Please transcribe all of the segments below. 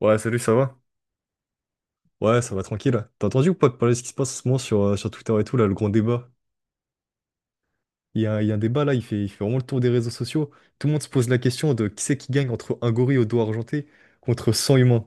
Ouais, salut, ça va? Ouais, ça va tranquille. T'as entendu ou pas de parler de ce qui se passe en ce moment sur Twitter et tout, là, le grand débat? Il y a un débat là, il fait vraiment le tour des réseaux sociaux. Tout le monde se pose la question de qui c'est qui gagne entre un gorille au doigt argenté contre 100 humains.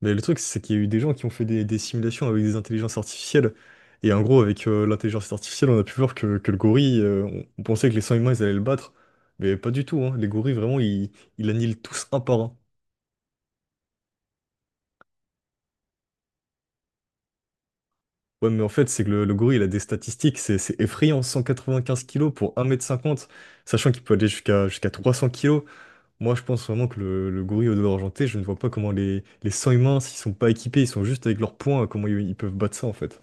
Mais le truc, c'est qu'il y a eu des gens qui ont fait des simulations avec des intelligences artificielles. Et en gros, avec l'intelligence artificielle, on a pu voir que le gorille, on pensait que les 100 humains, ils allaient le battre. Mais pas du tout, hein. Les gorilles, vraiment, ils annihilent tous un par un. Ouais, mais en fait, c'est que le gorille, il a des statistiques, c'est effrayant, 195 kilos pour 1,50 m sachant qu'il peut aller jusqu'à 300 kilos. Moi, je pense vraiment que le gorille au dos argenté, je ne vois pas comment les sangs humains, s'ils sont pas équipés, ils sont juste avec leurs poings, comment ils peuvent battre ça, en fait.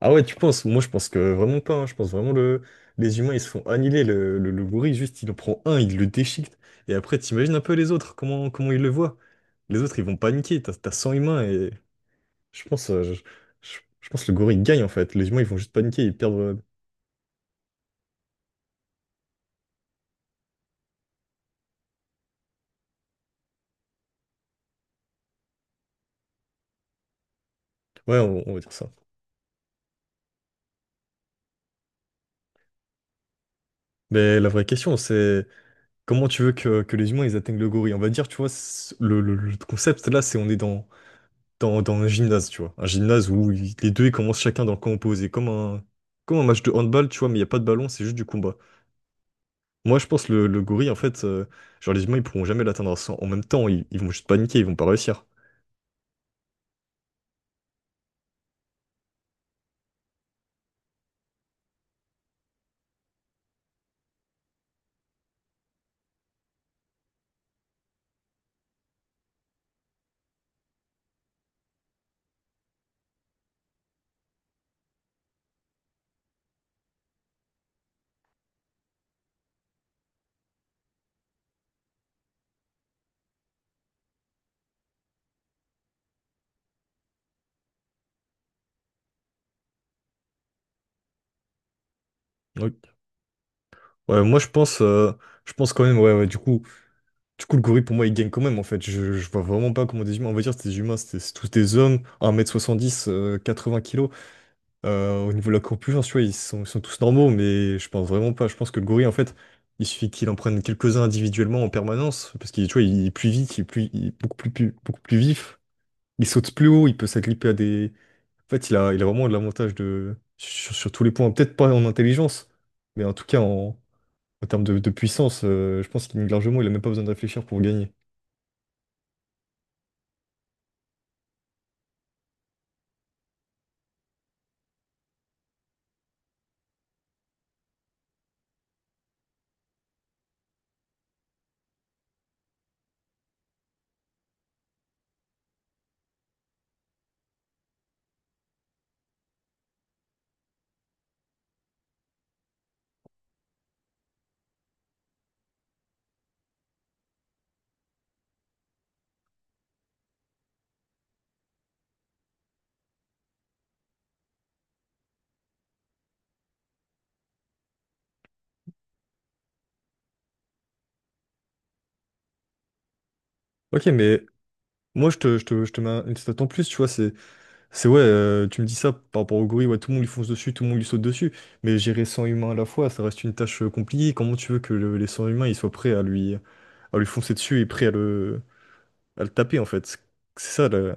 Ah ouais, tu penses? Moi, je pense que vraiment pas, hein. Je pense vraiment les humains, ils se font annihiler. Le gorille, juste, il en prend un, il le déchiquette. Et après, t'imagines un peu les autres, comment ils le voient? Les autres, ils vont paniquer, t'as 100 humains et... Je pense, euh, je, je pense que le gorille gagne en fait. Les humains ils vont juste paniquer, ils perdent. Ouais, on va dire ça. Mais la vraie question c'est comment tu veux que les humains ils atteignent le gorille? On va dire, tu vois, le concept là c'est on est dans un gymnase, tu vois. Un gymnase où les deux ils commencent chacun dans le camp opposé, comme un match de handball, tu vois, mais il n'y a pas de ballon, c'est juste du combat. Moi je pense le gorille en fait, genre les humains ils pourront jamais l'atteindre. En même temps, ils vont juste paniquer, ils vont pas réussir. Ouais, ouais, moi je pense quand même, ouais, ouais, du coup. Du coup, le gorille, pour moi, il gagne quand même, en fait. Je vois vraiment pas comment des humains. On va dire, c'est des humains, c'est tous des hommes, 1,70 m, 80 kilos. Au niveau de la corpulence, tu vois, ils sont tous normaux, mais je pense vraiment pas. Je pense que le gorille, en fait, il suffit qu'il en prenne quelques-uns individuellement en permanence, parce qu'il, tu vois, il est plus vite, il est beaucoup plus, beaucoup plus vif. Il saute plus haut, il peut s'agripper à des. En fait, il a vraiment de l'avantage sur tous les points. Peut-être pas en intelligence, mais en tout cas, en termes de puissance, je pense qu'il largement, il a même pas besoin de réfléchir pour gagner. Ok, mais moi je te mets une stat en plus, tu vois, c'est ouais, tu me dis ça par rapport au gorille, ouais, tout le monde lui fonce dessus, tout le monde lui saute dessus, mais gérer 100 humains à la fois, ça reste une tâche compliquée, comment tu veux que les 100 humains ils soient prêts à lui foncer dessus et prêts à le taper en fait, c'est ça là,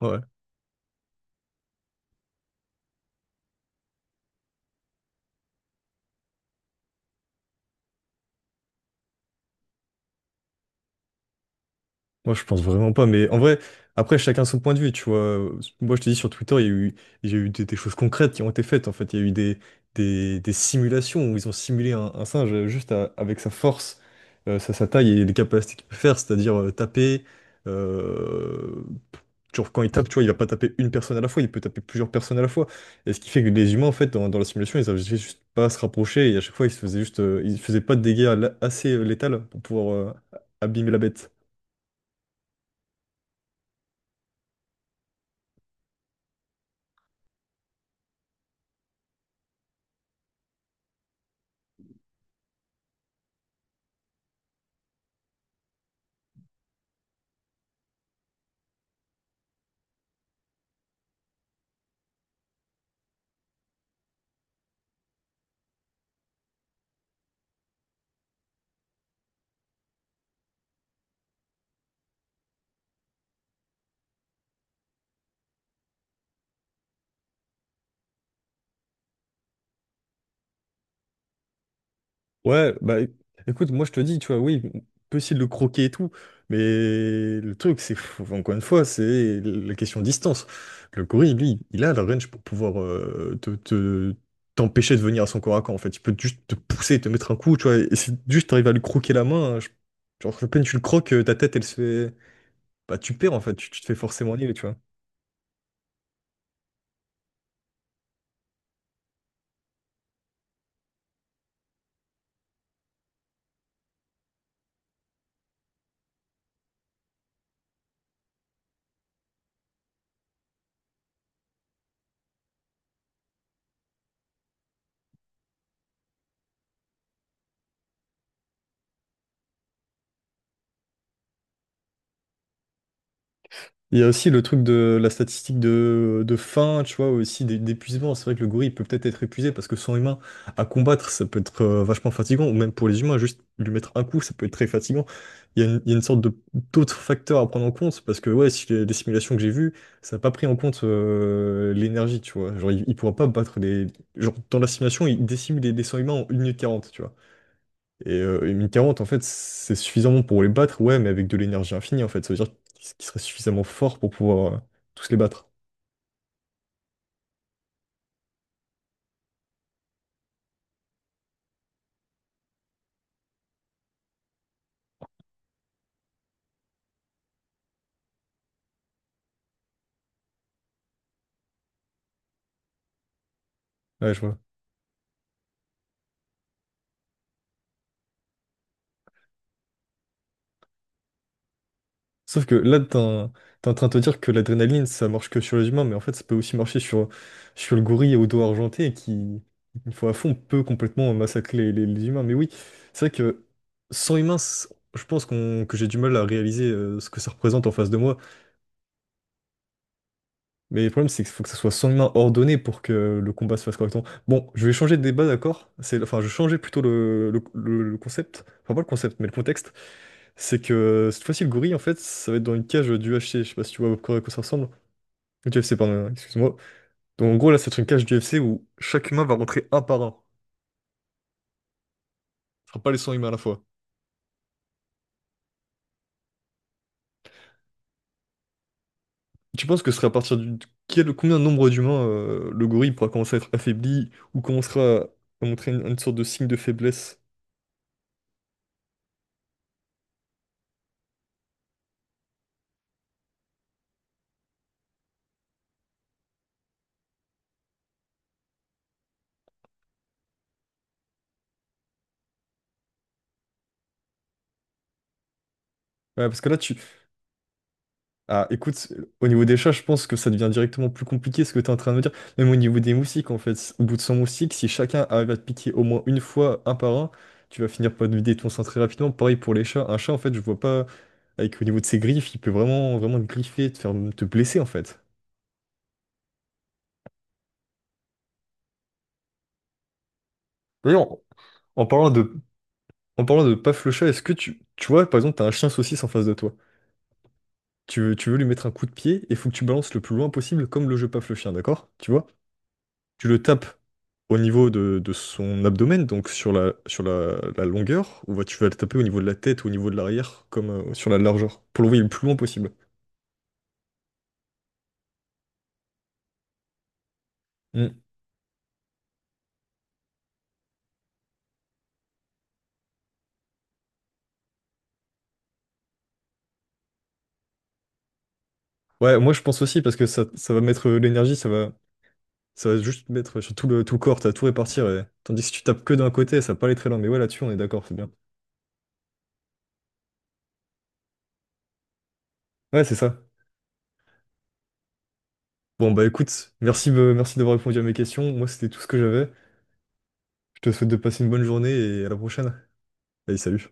ouais. Moi, je pense vraiment pas, mais en vrai, après, chacun son point de vue, tu vois. Moi, je te dis, sur Twitter, il y a eu des choses concrètes qui ont été faites, en fait. Il y a eu des simulations où ils ont simulé un singe juste avec sa force, sa taille et les capacités qu'il peut faire, c'est-à-dire taper. euh, genre, quand il tape, tu vois, il va pas taper une personne à la fois, il peut taper plusieurs personnes à la fois. Et ce qui fait que les humains, en fait, dans la simulation, ils avaient juste pas à se rapprocher et à chaque fois, ils faisaient pas de dégâts assez létals pour pouvoir abîmer la bête. Ouais, bah écoute, moi je te dis, tu vois, oui, on peut essayer de le croquer et tout, mais le truc, encore une fois, c'est la question de distance. Le gorille, lui, il a la range pour pouvoir t'empêcher de venir à son corps à corps, en fait. Il peut juste te pousser, te mettre un coup, tu vois, et si juste t'arrives à lui croquer la main, hein, genre, à peine tu le croques, ta tête, elle se fait. Bah, tu perds, en fait, tu te fais forcément nier, tu vois. Il y a aussi le truc de la statistique de faim, tu vois, aussi d'épuisement. C'est vrai que le gorille peut peut-être être épuisé parce que son humain à combattre, ça peut être vachement fatigant, ou même pour les humains, juste lui mettre un coup, ça peut être très fatigant. Il y a une sorte de d'autres facteurs à prendre en compte parce que, ouais, si les simulations que j'ai vues, ça n'a pas pris en compte l'énergie, tu vois. Genre, il pourra pas battre les. Genre, dans la simulation, il décime des 100 humains en 1 min 40 tu vois. Et 1040, en fait, c'est suffisamment pour les battre, ouais, mais avec de l'énergie infinie, en fait. Ça veut dire qu'ils seraient suffisamment forts pour pouvoir tous les battre. Ouais, je vois. Sauf que là, t'es en train de te dire que l'adrénaline, ça marche que sur les humains, mais en fait, ça peut aussi marcher sur le gorille au dos argenté qui, une fois à fond, peut complètement massacrer les humains. Mais oui, c'est vrai que sans humains, je pense que j'ai du mal à réaliser ce que ça représente en face de moi. Mais le problème, c'est qu'il faut que ça soit soigneusement ordonné pour que le combat se fasse correctement. Bon, je vais changer de débat, d'accord? Enfin, je changeais plutôt le concept. Enfin, pas le concept, mais le contexte. C'est que cette fois-ci, le gorille, en fait, ça va être dans une cage du UFC. Je sais pas si tu vois à quoi ça ressemble. Du UFC, pardon, hein, excuse-moi. Donc, en gros, là, c'est une cage du UFC où chaque humain va rentrer un par un. Ce sera pas les 100 humains à la fois. Tu penses que ce serait à partir du. Combien de nombre d'humains le gorille pourra commencer à être affaibli ou commencera à montrer une sorte de signe de faiblesse? Ouais, parce que là, ah, écoute, au niveau des chats, je pense que ça devient directement plus compliqué ce que tu es en train de me dire. Même au niveau des moustiques, en fait. Au bout de 100 moustiques, si chacun arrive à te piquer au moins une fois, un par un, tu vas finir par te vider ton sang très rapidement. Pareil pour les chats. Un chat, en fait, je vois pas, avec au niveau de ses griffes, il peut vraiment, vraiment te griffer, te faire te blesser, en fait. D'ailleurs, en parlant de, en parlant de paf le chat, est-ce que tu vois, par exemple, t'as un chien saucisse en face de toi. Tu veux lui mettre un coup de pied et faut que tu balances le plus loin possible, comme le jeu paf le chien, d'accord? Tu vois? Tu le tapes au niveau de son abdomen, donc sur la longueur, ou bah, tu vas le taper au niveau de la tête ou au niveau de l'arrière, comme sur la largeur, pour l'envoyer le plus loin possible. Mm. Ouais, moi je pense aussi, parce que ça va mettre l'énergie, ça va juste mettre sur tout le corps, t'as tout répartir, tandis que si tu tapes que d'un côté, ça va pas aller très loin, mais ouais, là-dessus on est d'accord, c'est bien. Ouais, c'est ça. Bon, bah écoute, merci d'avoir répondu à mes questions, moi c'était tout ce que j'avais, je te souhaite de passer une bonne journée et à la prochaine. Allez, salut.